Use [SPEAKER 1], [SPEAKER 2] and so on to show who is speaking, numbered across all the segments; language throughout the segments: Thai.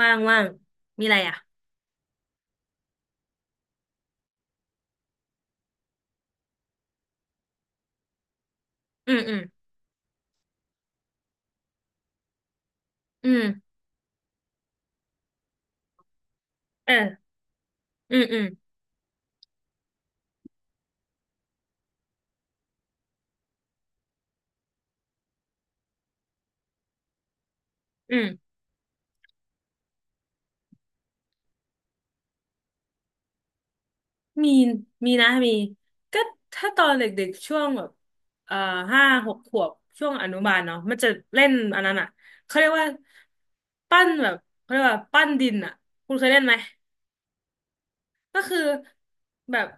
[SPEAKER 1] ว่างว่างมีอะไรอ่ะอืมอืมอืมเอออืมอืมอืมมีมีนะมีก็ถ้าตอนเด็กๆช่วงแบบเอ่อ5-6 ขวบช่วงอนุบาลเนาะมันจะเล่นอันนั้นอ่ะเขาเรียกว่าปั้นแบบเขาเรียกว่าปั้นดินอ่ะคุณเคยเล่นไหมก็คือแบบ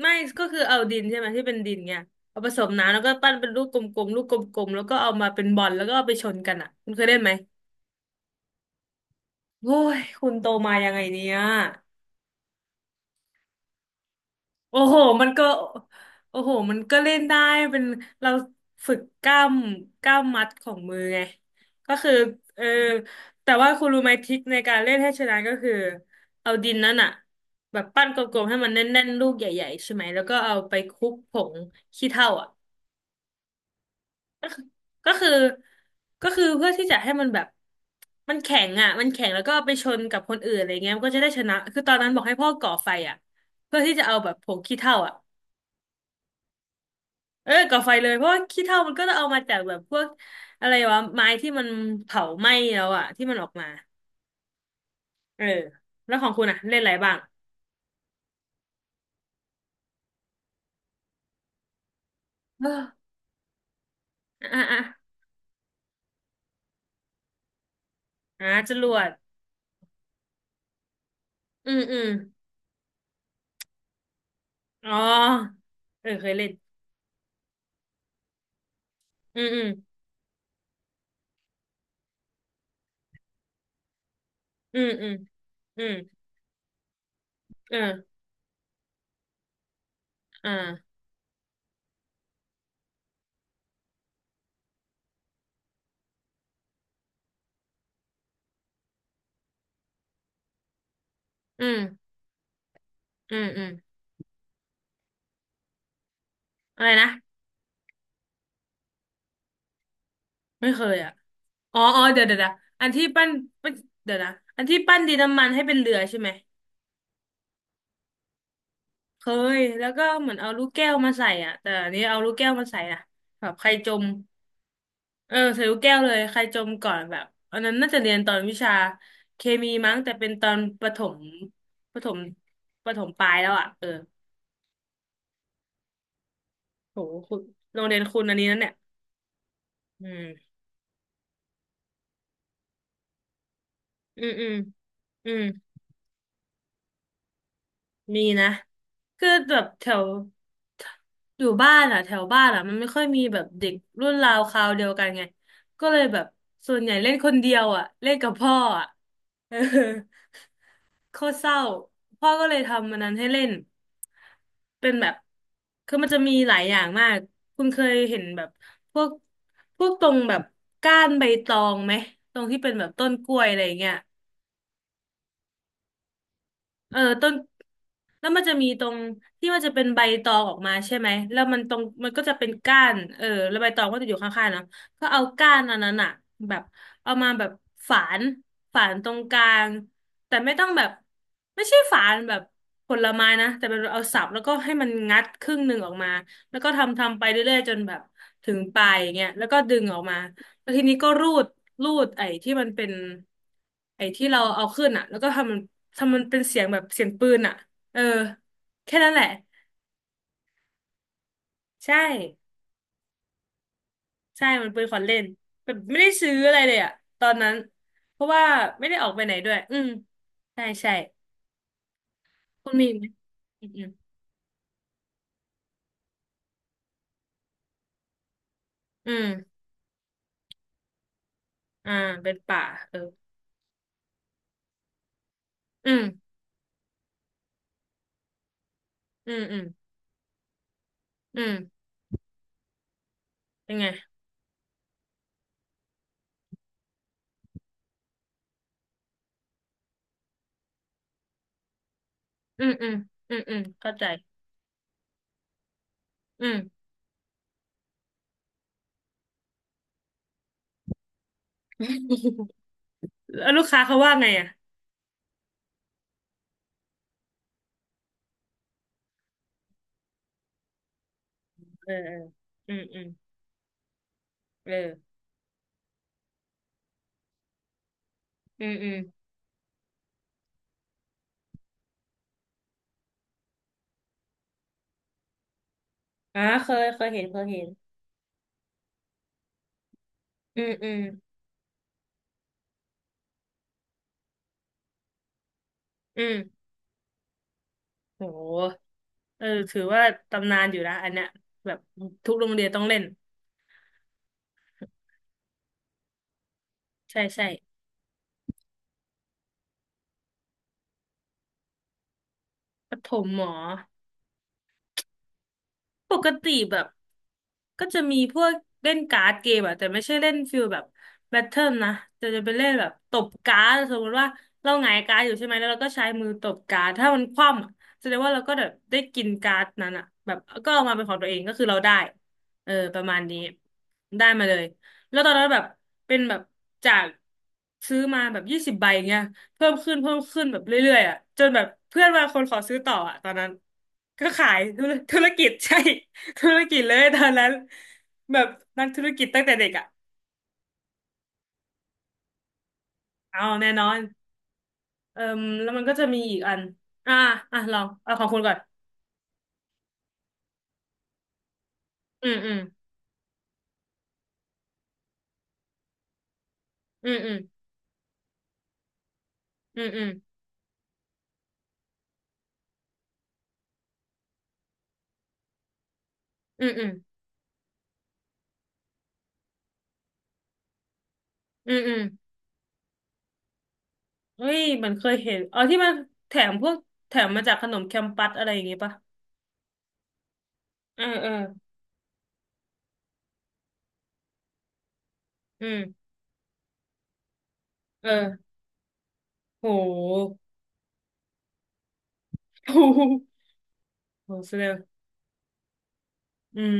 [SPEAKER 1] ไม่ก็คือเอาดินใช่ไหมที่เป็นดินเนี่ยเอาผสมน้ำแล้วก็ปั้นเป็นลูกกลมๆลูกกลมๆแล้วก็เอามาเป็นบอลแล้วก็เอาไปชนกันอ่ะคุณเคยเล่นไหมโอ้ยคุณโตมายังไงเนี่ย โอ้โห มันก็โอ้โห มันก็เล่นได้ เป็นเราฝึกกล้ามกล้ามมัดของมือไง ก็คือ เออ แต่ว่าคุณรู้ไหมทริคในการเล่นให้ชนะก็คือ เอาดินนั้นอะแบบปั้นกลมๆให้มันแน่นๆลูกใหญ่ๆใช่ไหม แล้วก็เอาไปคลุกผงขี้เถ้าอ่ะ ก็คือก็คือเพื่อที่จะให้มันแบบ มันแข็งอ่ะมันแข็งแล้วก็เอาไปชนกับคนอื่นอะไรเงี้ยมันก็จะได้ชนะคือตอนนั้นบอกให้พ่อก่อไฟอ่ะเพื่อที่จะเอาแบบผงขี้เถ้าอ่ะ เออก่อไฟเลยเพราะว่าขี้เถ้ามันก็จะเอามาจากแบบพวกอะไรวะไม้ที่มันเผาไหม้แล้วอะที่มันออกมาเออแล้วของคุณอะเล่นอะไรบ้างเอออ่ะอ่ะอ่ะจรวดอืมอืมอ๋อเออเคยเล่นอืมอืมอืมอืมอืมเอออ่าอืมอืมอืมอะไรนะไม่เคยอะอ๋ออ๋อเดี๋ยวเดี๋ยวเดี๋ยวอันที่ปั้นเดี๋ยวนะอันที่ปั้นดินน้ำมันให้เป็นเรือใช่ไหม เคยแล้วก็เหมือนเอาลูกแก้วมาใส่อ่ะแต่อันนี้เอาลูกแก้วมาใส่นะแบบใครจมเออใส่ลูกแก้วเลยใครจมก่อนแบบอันนั้นน่าจะเรียนตอนวิชาเคมีมั้งแต่เป็นตอนประถมประถมประถมปลายแล้วอ่ะเออโหคุณโรงเรียนคุณอันนี้นั่นเนี่ยอืมอืมอืมอืม มีนะคือแบบแถวอยู่บ้านอ่ะแถวบ้านอ่ะมันไม่ค่อยมีแบบเด็กรุ่นราวคราวเดียวกันไงก็เลยแบบส่วนใหญ่เล่นคนเดียวอ่ะเล่นกับพ่ออ่ะ เออโคตรเศร้าพ่อก็เลยทำมันนั้นให้เล่นเป็นแบบคือมันจะมีหลายอย่างมากคุณเคยเห็นแบบพวกพวกตรงแบบก้านใบตองไหมตรงที่เป็นแบบต้นกล้วยอะไรอย่างเงี้ย เออต้นแล้วมันจะมีตรงที่มันจะเป็นใบตองออกมาใช่ไหมแล้วมันตรงมันก็จะเป็นก้านเออแล้วใบตองก็จะอยู่ข้างๆเนาะก็เอาก้านอันนั้นอะแบบเอามาแบบฝานฝานตรงกลางแต่ไม่ต้องแบบไม่ใช่ฝานแบบผลไม้นะแต่เป็นเอาสับแล้วก็ให้มันงัดครึ่งหนึ่งออกมาแล้วก็ทำทำไปเรื่อยๆจนแบบถึงปลายอย่างเงี้ยแล้วก็ดึงออกมา แล้วทีนี้ก็รูดรูดไอ้ที่มันเป็นไอ้ที่เราเอาขึ้นอ่ะแล้วก็ทำมันทำมันเป็นเสียงแบบเสียงปืนอ่ะเออแค่นั้นแหละใช่ใช่มันปืนขวัญเล่นแบบไม่ได้ซื้ออะไรเลยอ่ะตอนนั้นเพราะว่าไม่ได้ออกไปไหนด้วยอืมใช่ใช่คุณมีไหมอืมอืมอืมอ่าเป็นป่าเอออืมอืมอืมอืมเป็นไงอืมอืมอืมอืมเข้าใจอืม แล้วลูกค้าเขาว่าไงอ่ะเออเอออืมอืมเออ อืมอืมอ่าเคยเคยเห็นเคยเห็นอืมอืมอืมโหเออถือว่าตำนานอยู่นะอันเนี้ยแบบทุกโรงเรียนต้องเล่นใช่ใช่ปฐมหมอปกติแบบ ก็จะมีพวกเล่นการ์ดเกมอะแต่ไม่ใช่เล่นฟิลแบบแบทเทิลนะแต่จะเป็นเล่นแบบตบการ์ดสมมติว่าเราหงายการ์ดอยู่ใช่ไหมแล้วเราก็ใช้มือตบการ์ดถ้ามันคว่ำอะแสดงว่าเราก็แบบได้กินการ์ดนั้นอะแบบก็เอามาเป็นของตัวเองก็คือเราได้เออประมาณนี้ได้มาเลยแล้วตอนนั้นแบบเป็นแบบจากซื้อมาแบบ20 ใบเงี้ยเพิ่มขึ้นเพิ่มขึ้นแบบเรื่อยๆอะจนแบบเพื่อนบางคนขอซื้อต่ออะตอนนั้นก็ขายธุรกิจใช่ ธุรกิจเลยตอนนั้นแบบนักธุรกิจตั้งแต่เด็กอ่ะเอาแน่นอนเอิ่มแล้วมันก็จะมีอีกอันอ่าอ่ะลองเอาของคุณก่อนอืมอืมอืมอืมอืมอืมอืมอืมอืมอืมเฮ้ยเหมันเคยเห็นอ๋อที่มันแถมพวกแถมมาจากขนมแคมปัสอะไรอย่างงี้ปะเออเอออืมเออโห โหโหเสียเลยอืม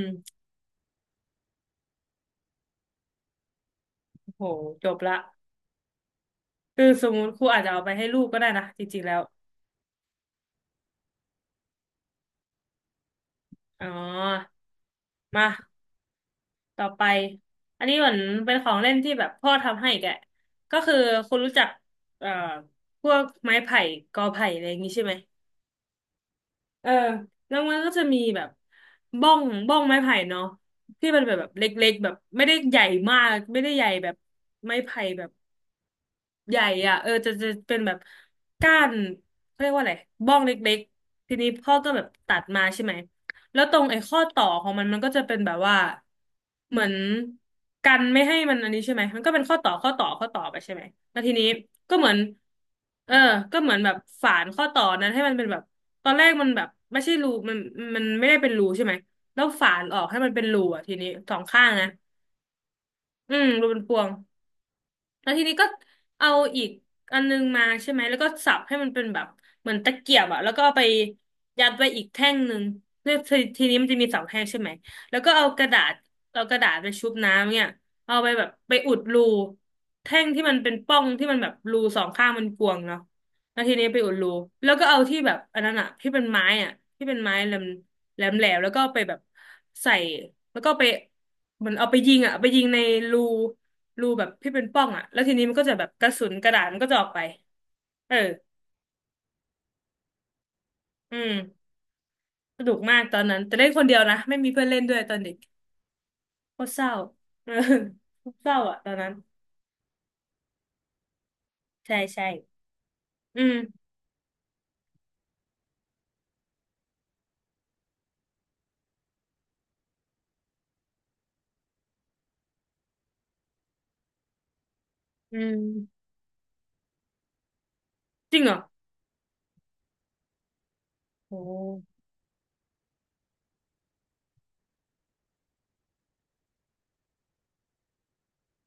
[SPEAKER 1] โหจบละคือสมมุติครูอาจจะเอาไปให้ลูกก็ได้นะจริงๆแล้วอ๋อมา ต่อไปอันนี้เหมือนเป็นของเล่นที่แบบพ่อทำให้แกก็คือคุณรู้จักเอ่อพวกไม้ไผ่กอไผ่อะไรอย่างงี้ใช่ไหมเออแล้วมันก็จะมีแบบบ้องไม้ไผ่เนาะที่มันแบบเล็กๆแบบไม่ได้ใหญ่มากไม่ได้ใหญ่แบบไม้ไผ่แบบ ใหญ่อ่ะเออจะเป็นแบบก้านเขาเรียกว่าอะไรบ้องเล็กๆทีนี้พ่อก็แบบตัดมาใช่ไหมแล้วตรงไอ้ข้อต่อของมันก็จะเป็นแบบว่าเหมือนกันไม่ให้มันอันนี้ใช่ไหมมันก็เป็นข้อต่อไปใช่ไหมแล้วทีนี้ก็เหมือนเออก็เหมือนแบบฝานข้อต่อนั้นให้มันเป็นแบบตอนแรกมันแบบไม่ใช่รูมันมันไม่ได้เป็นรูใช่ไหมแล้วฝานออกให้มันเป็นรูอ่ะทีนี้สองข้างนะอืมรูเป็นพวง แล้วทีนี้ก็เอาอีกอันนึงมาใช่ไหมแล้วก็สับให้มันเป็นแบบเหมือนตะเกียบอะแล้วก็เอาไปยัดไว้อีกแท่งหนึ่งแล้วทีนี้มันจะมีสองแท่งใช่ไหมแล้วก็เอากระดาษเอากระดาษไปชุบน้ำเนี่ยเอาไปแบบไปอุดรูแท่งที่มันเป็นป่องที่มันแบบรูสองข้างมันกวางเนาะแล้วทีนี้ไปอุดรูแล้วก็เอาที่แบบอันนั้นอะที่เป็นไม้อะที่เป็นไม้แหลมแล้วก็ไปแบบใส่แล้วก็ไปเหมือนเอาไปยิงอะไปยิงในรู รูแบบที่เป็นปล้องอ่ะแล้วทีนี้มันก็จะแบบกระสุนกระดาษมันก็จะออกไปเอออืมสนุกมากตอนนั้นแต่เล่นคนเดียวนะไม่มีเพื่อนเล่นด้วยตอนเด็กโคตรเศร้าเออเศร้าอ่ะตอนนั้นใช่ใช่อืมอืมจริงเหรอโอ้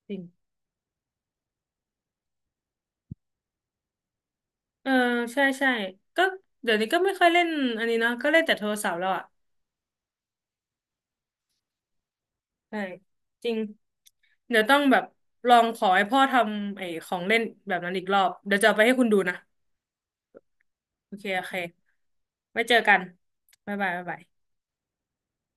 [SPEAKER 1] จริงเออใช่ใช่ก็เดี๋ยวนี้ก็ไม่ค่อยเล่นอันนี้เนาะก็เล่นแต่โทรศัพท์แล้วอ่ะใช่จริงเดี๋ยวต้องแบบลองขอให้พ่อทำไอ้ของเล่นแบบนั้นอีกรอบเดี๋ยวจะเอาไปให้คุณดูนะโอเคโอเคไว้เจอกันบ๊ายบายบ๊ายบาย